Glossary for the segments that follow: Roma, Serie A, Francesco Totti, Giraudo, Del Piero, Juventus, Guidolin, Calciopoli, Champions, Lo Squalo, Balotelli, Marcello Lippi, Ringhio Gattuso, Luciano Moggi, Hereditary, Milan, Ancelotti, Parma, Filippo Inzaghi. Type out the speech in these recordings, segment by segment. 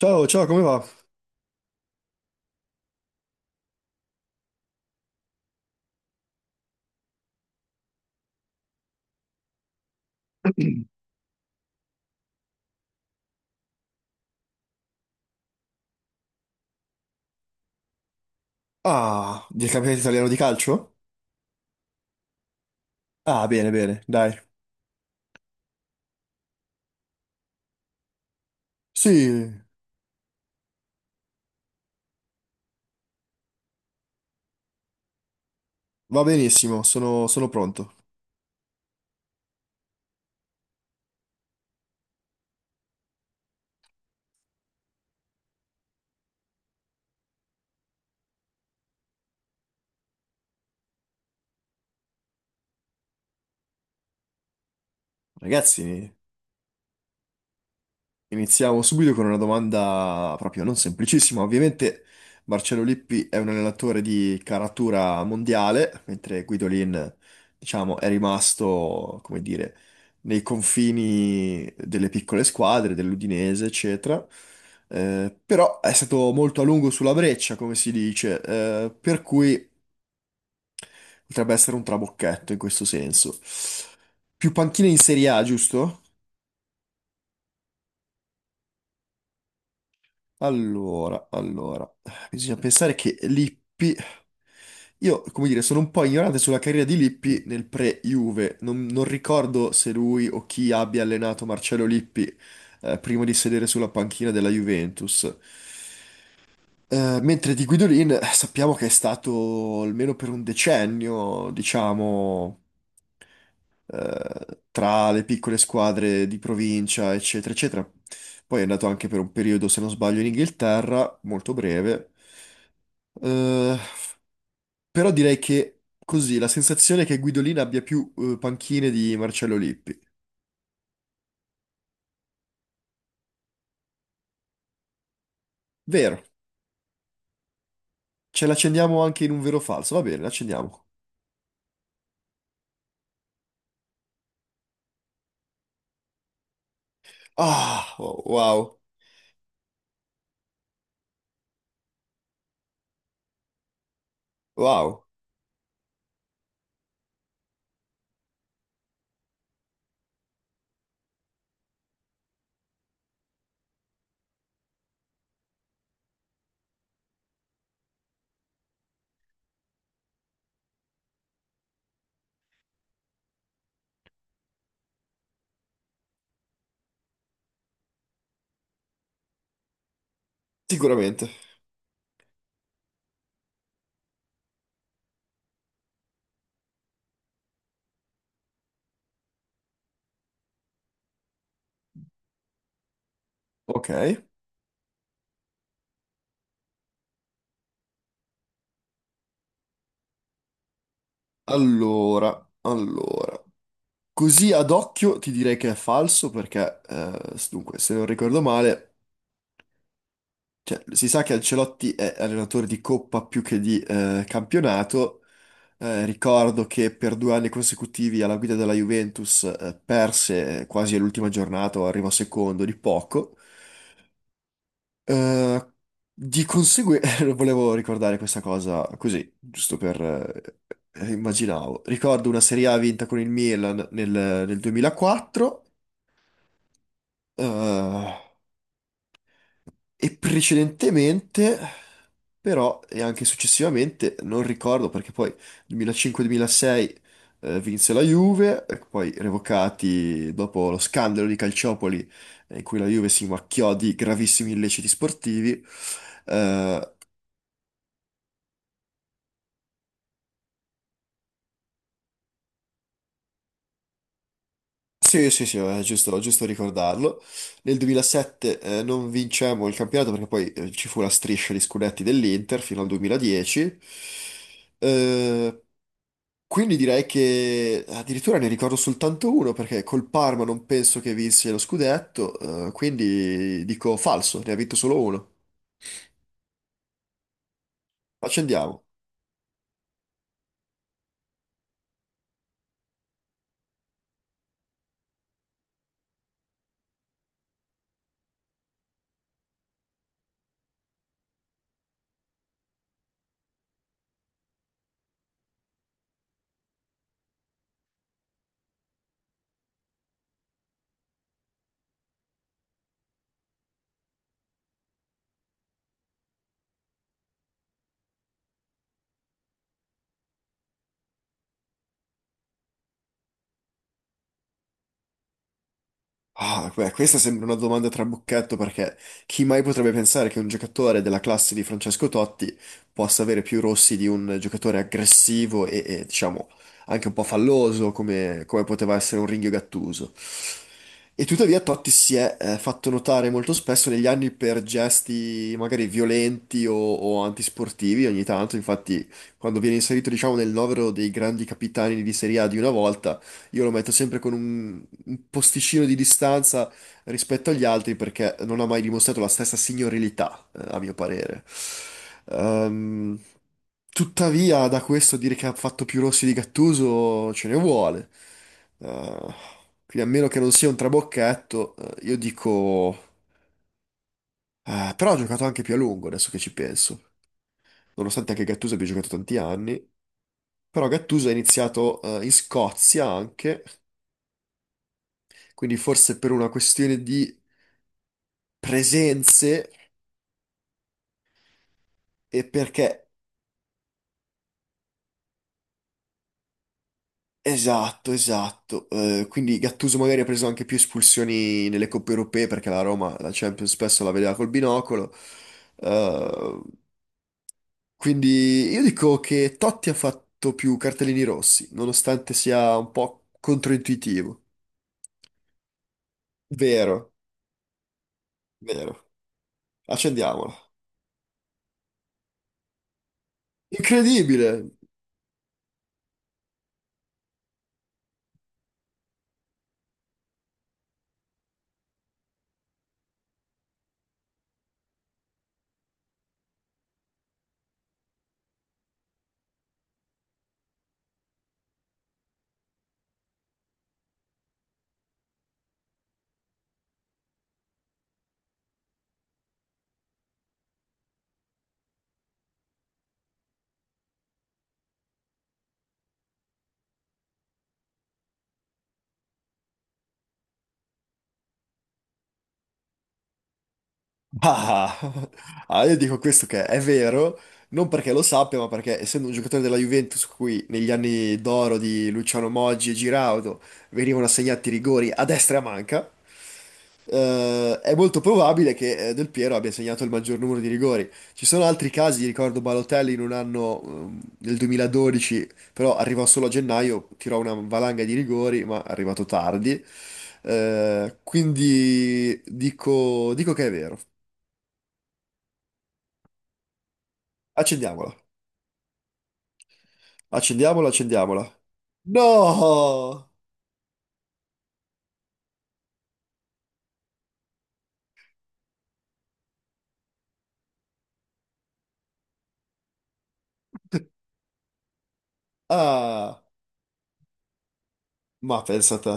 Ciao, ciao, come va? Ah, del campionato italiano di calcio? Ah, bene, bene, dai. Sì, va benissimo, sono pronto. Ragazzi, iniziamo subito con una domanda proprio non semplicissima. Ovviamente Marcello Lippi è un allenatore di caratura mondiale, mentre Guidolin, diciamo, è rimasto, come dire, nei confini delle piccole squadre, dell'Udinese, eccetera. Però è stato molto a lungo sulla breccia, come si dice, per cui potrebbe essere un trabocchetto in questo senso. Più panchine in Serie A, giusto? Allora, allora, bisogna pensare che Lippi, io come dire, sono un po' ignorante sulla carriera di Lippi nel pre-Juve, non ricordo se lui o chi abbia allenato Marcello Lippi prima di sedere sulla panchina della Juventus. Mentre di Guidolin sappiamo che è stato almeno per un decennio, diciamo tra le piccole squadre di provincia, eccetera, eccetera. Poi è andato anche per un periodo, se non sbaglio, in Inghilterra, molto breve. Eh, Però direi che così la sensazione è che Guidolin abbia più panchine di Marcello Lippi. Vero, ce l'accendiamo anche in un vero o falso. Va bene, l'accendiamo. Ah, oh, wow, wow, sicuramente. Ok, allora, allora. Così ad occhio ti direi che è falso perché, dunque, se non ricordo male, cioè, si sa che Ancelotti è allenatore di coppa più che di campionato. Ricordo che per due anni consecutivi alla guida della Juventus perse quasi all'ultima giornata, o arrivò secondo di poco. Eh, di conseguenza, volevo ricordare questa cosa così, giusto per... immaginavo. Ricordo una Serie A vinta con il Milan nel 2004. E precedentemente, però, e anche successivamente, non ricordo perché poi 2005-2006 vinse la Juve, poi revocati dopo lo scandalo di Calciopoli in cui la Juve si macchiò di gravissimi illeciti sportivi. Eh, sì, sì, sì, è giusto, giusto ricordarlo. Nel 2007 non vincemmo il campionato perché poi ci fu la striscia di scudetti dell'Inter fino al 2010. Eh, Quindi direi che addirittura ne ricordo soltanto uno perché col Parma non penso che vinse lo scudetto, quindi dico falso, ne ha vinto solo uno. Accendiamo. Ah, beh, questa sembra una domanda trabocchetto perché chi mai potrebbe pensare che un giocatore della classe di Francesco Totti possa avere più rossi di un giocatore aggressivo e, diciamo, anche un po' falloso come poteva essere un Ringhio Gattuso. E tuttavia Totti si è fatto notare molto spesso negli anni per gesti magari violenti o antisportivi ogni tanto, infatti quando viene inserito diciamo nel novero dei grandi capitani di Serie A di una volta, io lo metto sempre con un posticino di distanza rispetto agli altri perché non ha mai dimostrato la stessa signorilità, a mio parere. Ehm, Tuttavia, da questo a dire che ha fatto più rossi di Gattuso ce ne vuole. Eh, quindi a meno che non sia un trabocchetto, io dico... però ha giocato anche più a lungo, adesso che ci penso. Nonostante anche Gattuso abbia giocato tanti anni. Però Gattuso ha iniziato in Scozia anche, quindi forse per una questione di presenze. E perché? Esatto, esatto. Quindi Gattuso magari ha preso anche più espulsioni nelle coppe europee perché la Roma, la Champions, spesso la vedeva col binocolo. Eh, quindi io dico che Totti ha fatto più cartellini rossi, nonostante sia un po' controintuitivo. Vero, vero. Accendiamolo. Incredibile! Ah, ah, io dico questo che è vero, non perché lo sappia, ma perché essendo un giocatore della Juventus, cui negli anni d'oro di Luciano Moggi e Giraudo venivano assegnati rigori a destra e a manca, è molto probabile che Del Piero abbia segnato il maggior numero di rigori. Ci sono altri casi, ricordo Balotelli in un anno, nel 2012, però arrivò solo a gennaio, tirò una valanga di rigori, ma è arrivato tardi. Quindi dico che è vero. Accendiamola. Accendiamola, accendiamola. No! Ah, ma pensa a te.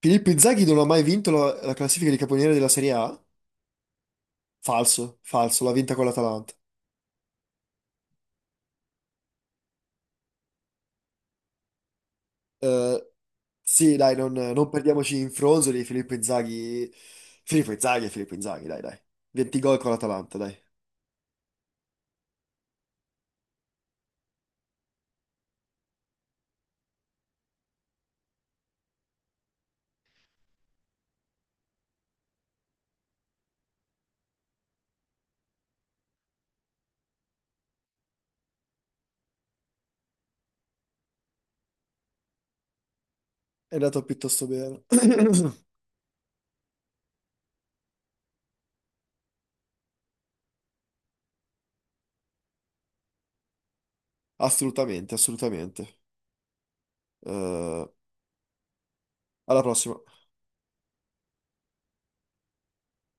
Filippo Inzaghi non ha mai vinto la classifica di caponiere della Serie A? Falso, falso, l'ha vinta con l'Atalanta. Eh, sì, dai, non perdiamoci in fronzoli, Filippo Inzaghi... Filippo Inzaghi è Filippo Inzaghi, dai, dai. 20 gol con l'Atalanta, dai. È andato piuttosto bene. Assolutamente, assolutamente. Eh, alla prossima.